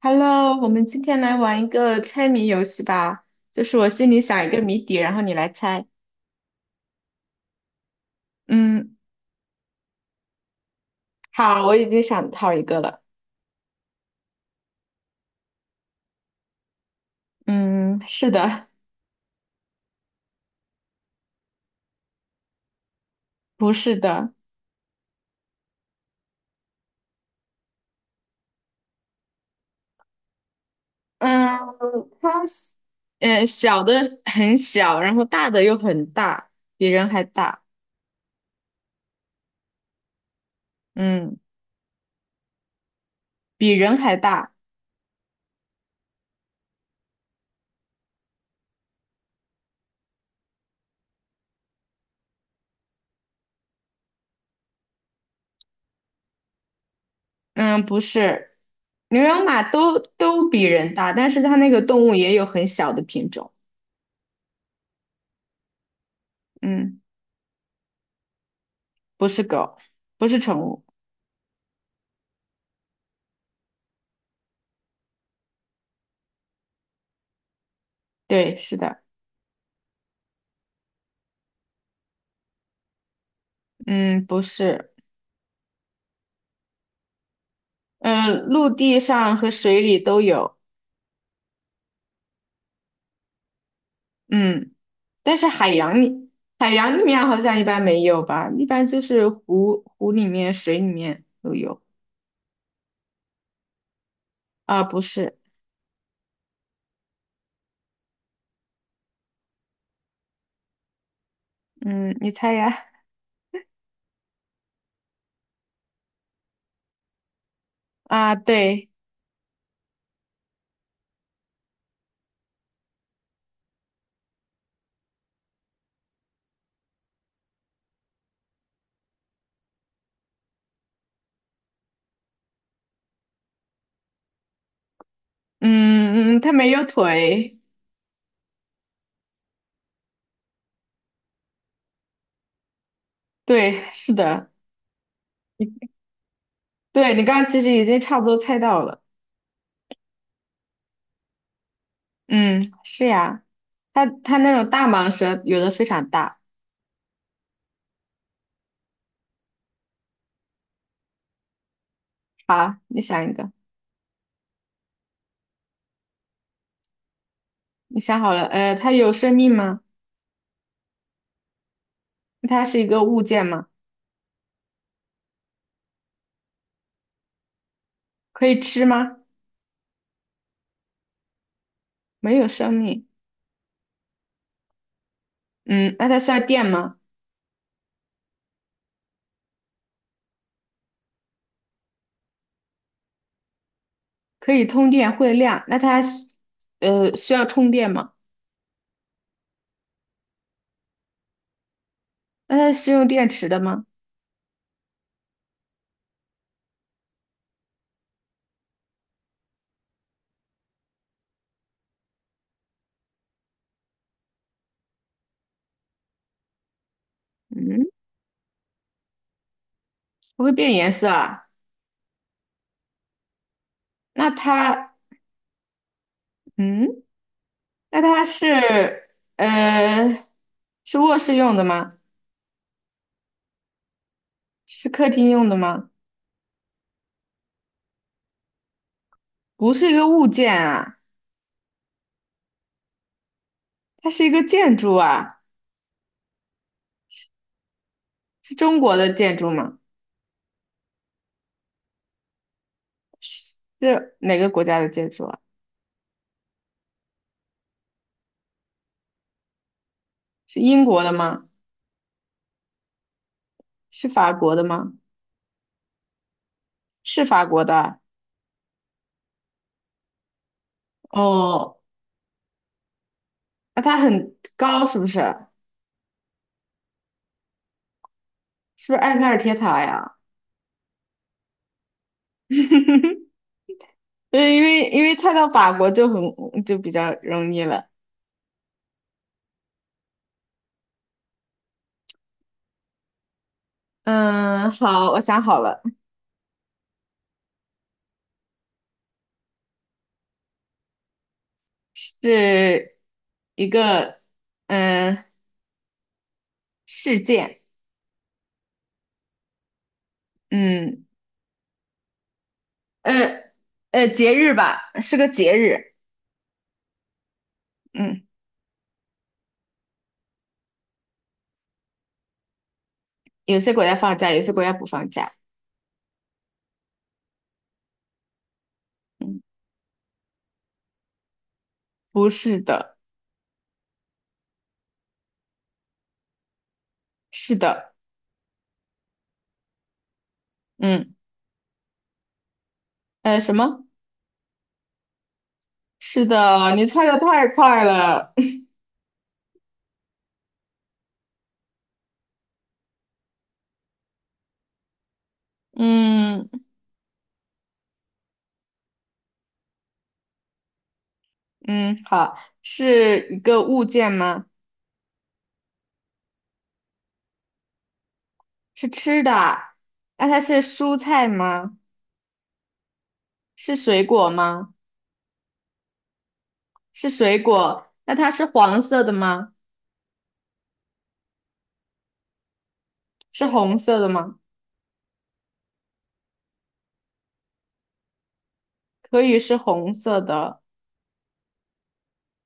Hello，我们今天来玩一个猜谜游戏吧，就是我心里想一个谜底，然后你来猜。嗯，好，我已经想好一个了。嗯，是的。不是的。嗯，它是，小的很小，然后大的又很大，比人还大。嗯，比人还大。嗯，不是，牛羊马都比人大，但是它那个动物也有很小的品种。嗯，不是狗，不是宠物。对，是的。嗯，不是。嗯，陆地上和水里都有。嗯，但是海洋里，海洋里面好像一般没有吧，一般就是湖里面、水里面都有。啊，不是。嗯，你猜呀？啊，对。嗯嗯，它没有腿。对，是的。对，你刚刚其实已经差不多猜到了。嗯，是呀，它那种大蟒蛇有的非常大。好，你想一个。你想好了，它有生命吗？它是一个物件吗？可以吃吗？没有生命。嗯，那它需要电吗？可以通电会亮。那它是需要充电吗？那它是用电池的吗？嗯，不会变颜色啊。那它嗯，那它呃是卧室用的吗？是客厅用的吗？不是一个物件啊，它是一个建筑啊。是中国的建筑吗？是哪个国家的建筑啊？是英国的吗？是法国的吗？是法国的啊。哦，那它很高是不是？是不是埃菲尔铁塔呀？对，因为菜到法国就比较容易了。嗯，好，我想好了，是一个嗯事件。嗯呃节日吧，是个节日。嗯，有些国家放假，有些国家不放假。嗯，不是的。是的。嗯什么？是的，你猜的太快了。嗯。嗯，好，是一个物件吗？是吃的啊。那它是蔬菜吗？是水果吗？是水果，那它是黄色的吗？是红色的吗？可以是红色的。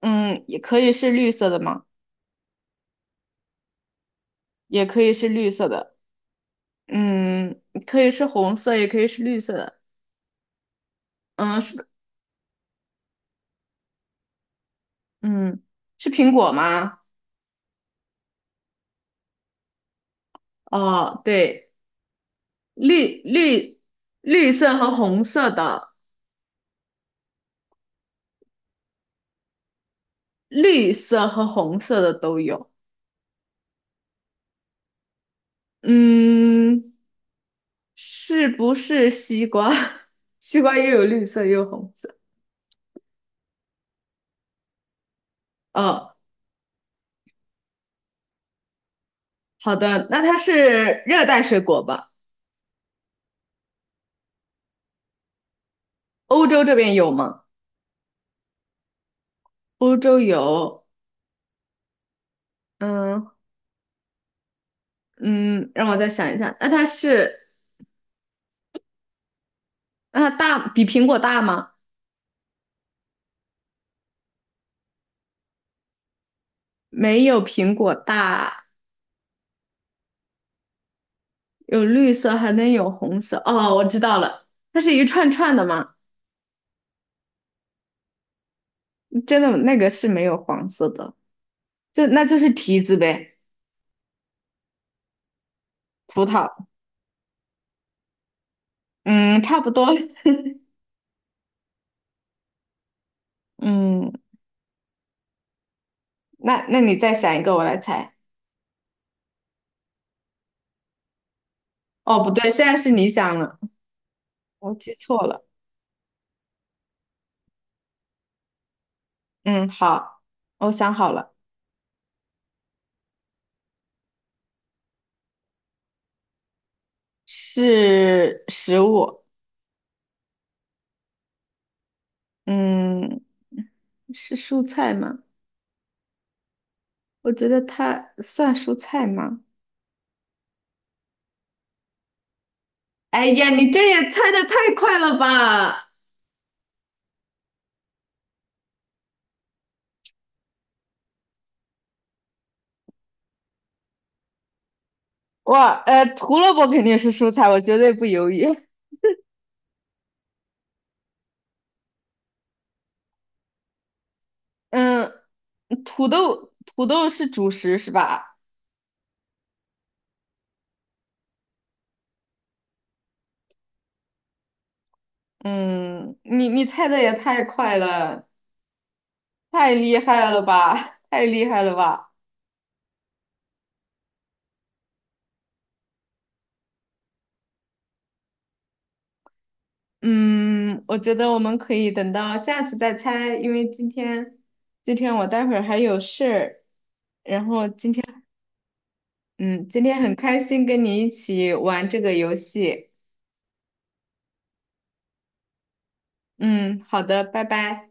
嗯，也可以是绿色的吗？也可以是绿色的。嗯，可以是红色，也可以是绿色的。嗯，是。嗯，是苹果吗？哦，对，绿绿绿色和红色的。绿色和红色的都有。嗯，是不是西瓜？西瓜也有绿色，也有红色。哦，好的，那它是热带水果吧？欧洲这边有吗？欧洲有。嗯。嗯，让我再想一下。那它是，那它大，比苹果大吗？没有苹果大，有绿色，还能有红色。哦，我知道了，它是一串串的吗？真的，那个是没有黄色的，就那就是提子呗，葡萄。嗯，差不多。嗯，那你再想一个，我来猜。哦，不对，现在是你想了，我记错了。嗯，好，我想好了，是食物。嗯，是蔬菜吗？我觉得它算蔬菜吗？哎呀，你这也猜的太快了吧！哇，胡萝卜肯定是蔬菜，我绝对不犹豫。嗯，土豆，土豆是主食是吧？嗯，你猜的也太快了，太厉害了吧，太厉害了吧！嗯，我觉得我们可以等到下次再猜，因为今天我待会儿还有事儿，然后今天嗯，今天很开心跟你一起玩这个游戏。嗯，好的，拜拜。